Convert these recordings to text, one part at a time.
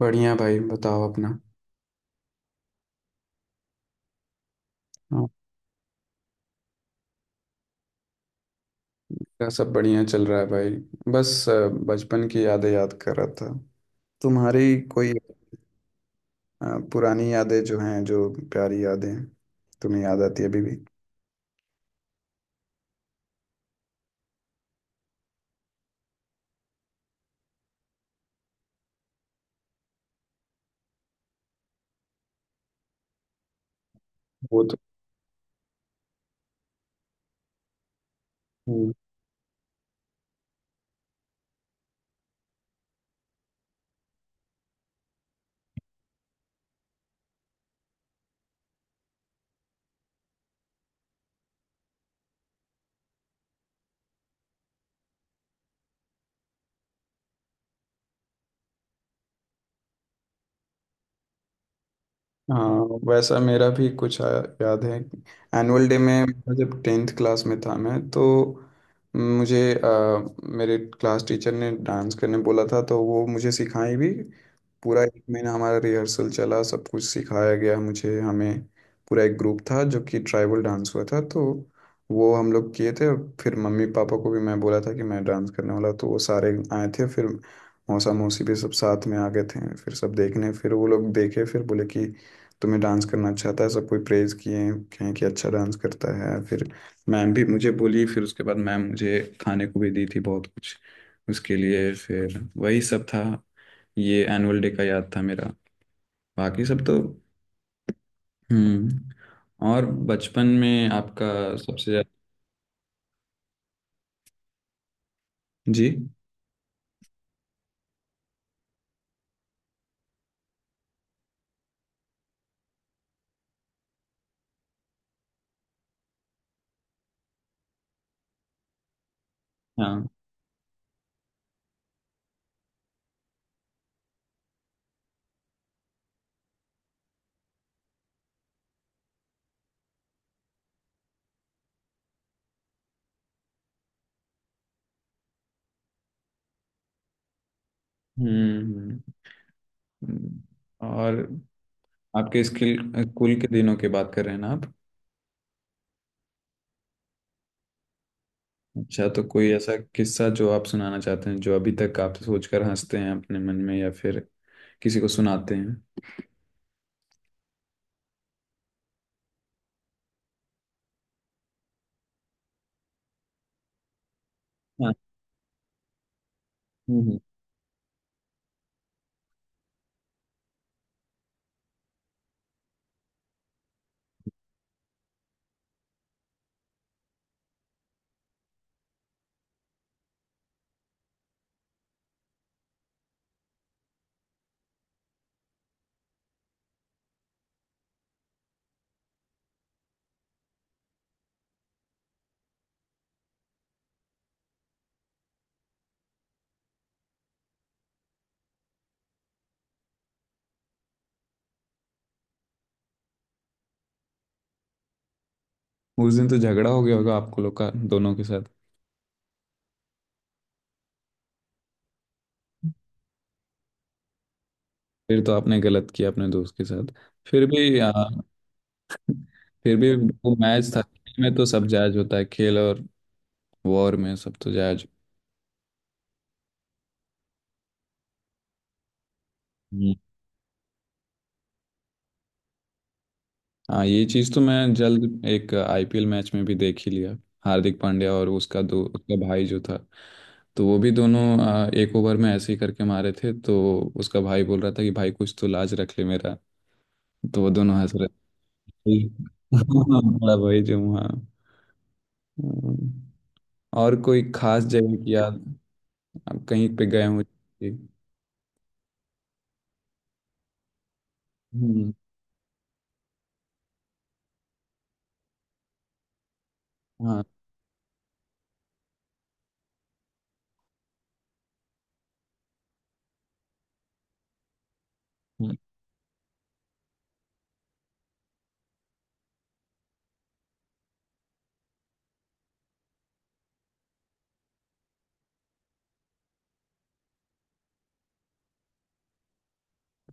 बढ़िया भाई, बताओ अपना। हाँ, मेरा सब बढ़िया चल रहा है भाई। बस बचपन की यादें याद कर रहा था। तुम्हारी कोई अ, पुरानी यादें जो हैं जो प्यारी यादें, तुम्हें याद आती है अभी भी? वो तो। हम्म, हाँ। वैसा मेरा भी याद है। एनुअल डे में जब 10th क्लास में था मैं, तो मुझे मेरे क्लास टीचर ने डांस करने बोला था, तो वो मुझे सिखाई भी। पूरा एक महीना हमारा रिहर्सल चला, सब कुछ सिखाया गया मुझे हमें। पूरा एक ग्रुप था जो कि ट्राइबल डांस हुआ था, तो वो हम लोग किए थे। फिर मम्मी पापा को भी मैं बोला था कि मैं डांस करने वाला, तो वो सारे आए थे। फिर मौसा मौसी भी सब साथ में आ गए थे फिर, सब देखने। फिर वो लोग देखे, फिर बोले कि तुम्हें डांस करना अच्छा आता है, सब कोई प्रेज़ किए। कहें कि अच्छा डांस करता है। फिर मैम भी मुझे बोली, फिर उसके बाद मैम मुझे खाने को भी दी थी बहुत कुछ उसके लिए, फिर वही सब था। ये एनुअल डे का याद था मेरा। बाकी सब तो। हम्म। और बचपन में आपका सबसे ज्यादा? जी। हाँ। हम्म हम्म। और आपके स्किल स्कूल के दिनों की बात कर रहे हैं ना आप? अच्छा, तो कोई ऐसा किस्सा जो आप सुनाना चाहते हैं, जो अभी तक आप सोचकर हंसते हैं अपने मन में या फिर किसी को सुनाते हैं? हाँ। हम्म हम्म। उस दिन तो झगड़ा हो गया होगा आपको लोग का दोनों के साथ। फिर तो आपने गलत किया अपने दोस्त के साथ। फिर भी आ, फिर भी वो मैच था, में तो सब जायज होता है, खेल और वॉर में सब तो जायज। हम्म। हाँ, ये चीज़ तो मैं जल्द एक आईपीएल मैच में भी देख ही लिया। हार्दिक पांड्या और उसका दो उसका भाई जो था, तो वो भी दोनों एक ओवर में ऐसे ही करके मारे थे। तो उसका भाई बोल रहा था कि भाई कुछ तो लाज रख ले मेरा। तो वो दोनों हंस रहे थे। बड़ा भाई जो वहाँ। हम्म। और कोई खास जगह की याद? आप कहीं पे गए हो? हम्म। हाँ,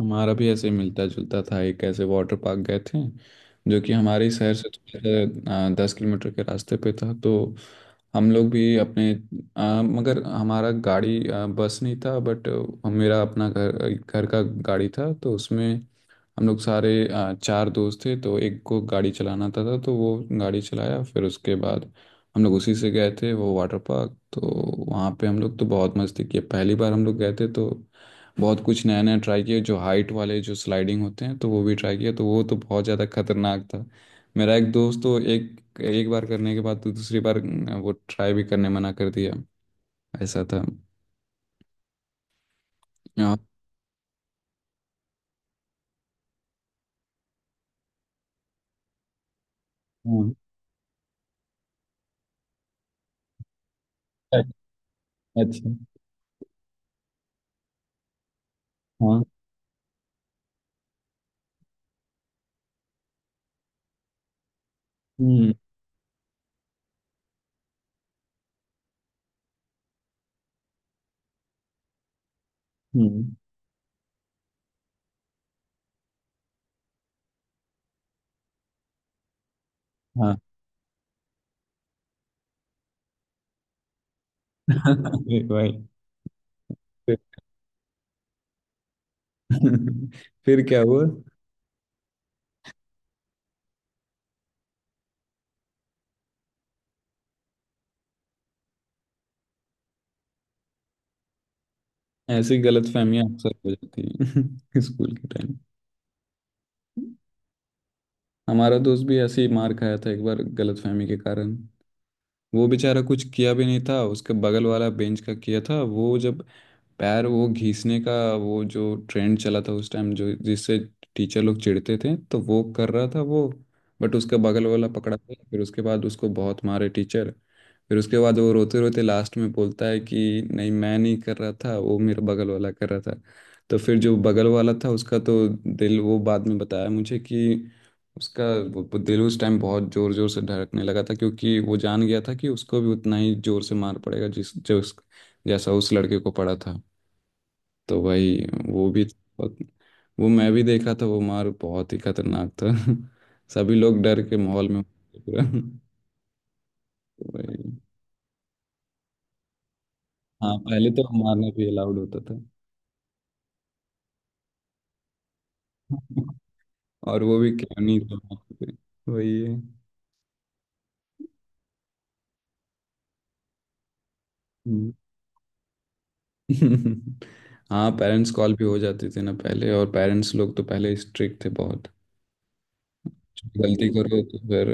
हमारा भी ऐसे ही मिलता जुलता था। एक ऐसे वाटर पार्क गए थे जो कि हमारे शहर से थोड़ा सा 10 किलोमीटर के रास्ते पे था, तो हम लोग भी अपने, मगर हमारा गाड़ी, बस नहीं था, बट मेरा अपना घर घर का गाड़ी था, तो उसमें हम लोग सारे चार दोस्त थे, तो एक को गाड़ी चलाना आता था तो वो गाड़ी चलाया। फिर उसके बाद हम लोग उसी से गए थे वो वाटर पार्क। तो वहाँ पे हम लोग तो बहुत मस्ती की, पहली बार हम लोग गए थे तो बहुत कुछ नया नया ट्राई किया। जो हाइट वाले जो स्लाइडिंग होते हैं, तो वो भी ट्राई किया, तो वो तो बहुत ज़्यादा खतरनाक था। मेरा एक दोस्त तो एक एक बार करने के बाद तो दूसरी बार वो ट्राई भी करने मना कर दिया, ऐसा था। हाँ हाँ। अच्छा। हाँ। हम्म, हम्म। हाँ। अरे भाई! फिर क्या हुआ? ऐसी गलतफहमियां अक्सर हो जाती हैं स्कूल के टाइम। हमारा दोस्त भी ऐसे ही मार खाया था एक बार गलतफहमी के कारण। वो बेचारा कुछ किया भी नहीं था, उसके बगल वाला बेंच का किया था वो, जब पैर वो घिसने का, वो जो ट्रेंड चला था उस टाइम, जो जिससे टीचर लोग चिढ़ते थे, तो वो कर रहा था वो, बट उसका बगल वाला पकड़ा गया। फिर उसके बाद उसको बहुत मारे टीचर। फिर उसके बाद वो रोते रोते लास्ट में बोलता है कि नहीं, मैं नहीं कर रहा था, वो मेरा बगल वाला कर रहा था। तो फिर जो बगल वाला था उसका तो दिल, वो बाद में बताया मुझे कि उसका वो दिल उस टाइम बहुत जोर जोर से धड़कने लगा था, क्योंकि वो जान गया था कि उसको भी उतना ही जोर से मार पड़ेगा, जिस जो उस, जैसा उस लड़के को पड़ा था। तो भाई, वो भी बहुत, वो मैं भी देखा था, वो मार बहुत ही खतरनाक था। सभी लोग डर के माहौल में पूरा। तो भाई। हाँ, पहले तो मारना भी अलाउड होता था। और वो भी खिलौनी तो मारते थे। वही है। हम्म। हाँ, पेरेंट्स कॉल भी हो जाते थे ना पहले, और पेरेंट्स लोग तो पहले स्ट्रिक्ट थे बहुत। गलती करो तो फिर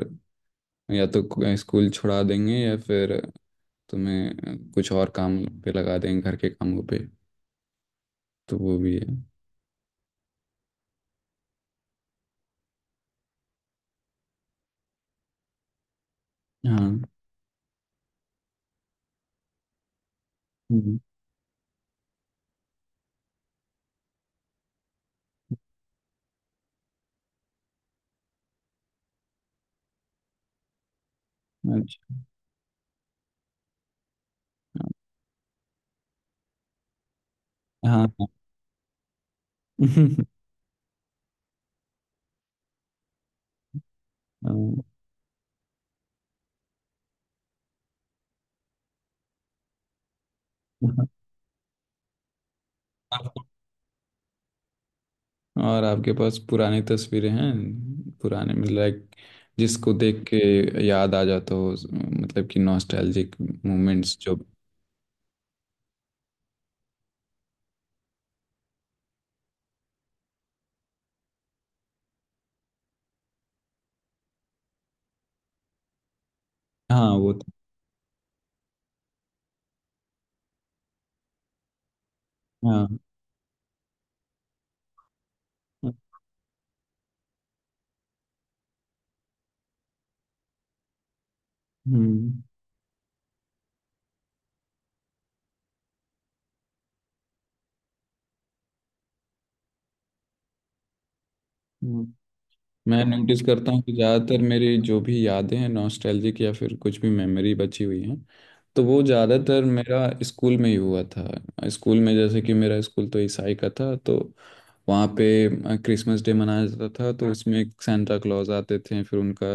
या तो स्कूल छुड़ा देंगे या फिर तुम्हें कुछ और काम पे लगा देंगे घर के कामों पे। तो वो भी है। हाँ। हम्म। अच्छा। हाँ हाँ। हाँ। आपको- और आपके पास पुरानी तस्वीरें हैं? पुराने मतलब लाइक, जिसको देख के याद आ जाता हो मतलब कि नॉस्टैल्जिक मोमेंट्स जो। हाँ, वो तो। हाँ। हम्म हम्म। मैं नोटिस करता हूँ कि ज़्यादातर मेरी जो भी यादें हैं नॉस्टैल्जिक या फिर कुछ भी मेमोरी बची हुई है, तो वो ज़्यादातर मेरा स्कूल में ही हुआ था। स्कूल में जैसे कि मेरा स्कूल तो ईसाई का था, तो वहाँ पे क्रिसमस डे मनाया जाता था। तो उसमें एक सांता क्लॉज आते थे, फिर उनका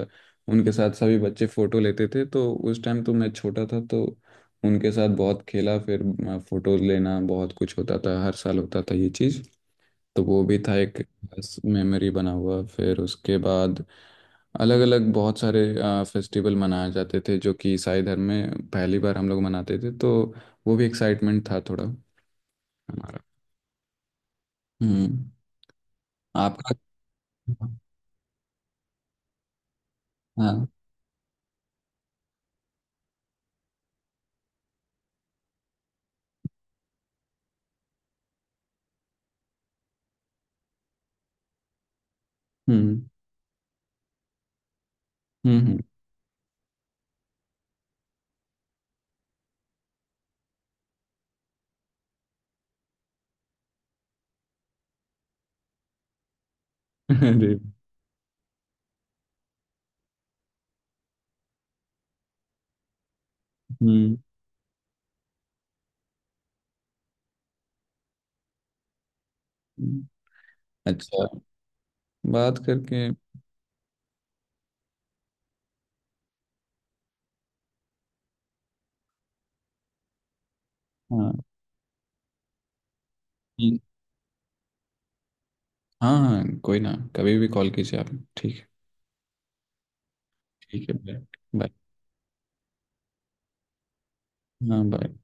उनके साथ सभी बच्चे फ़ोटो लेते थे। तो उस टाइम तो मैं छोटा था, तो उनके साथ बहुत खेला। फिर फ़ोटोज़ लेना बहुत कुछ होता था, हर साल होता था ये चीज़। तो वो भी था एक मेमोरी बना हुआ। फिर उसके बाद अलग अलग बहुत सारे फेस्टिवल मनाए जाते थे जो कि ईसाई धर्म में पहली बार हम लोग मनाते थे, तो वो भी एक्साइटमेंट था थोड़ा हमारा। हम्म। आपका? हाँ। हम्म हम्म। हम्म। अरे। हम्म हम्म। अच्छा। बात करके। हाँ। ठीक। हाँ हाँ, कोई ना, कभी भी कॉल कीजिए आप। ठीक है। ठीक है, बाय। बाय। हाँ, बाय।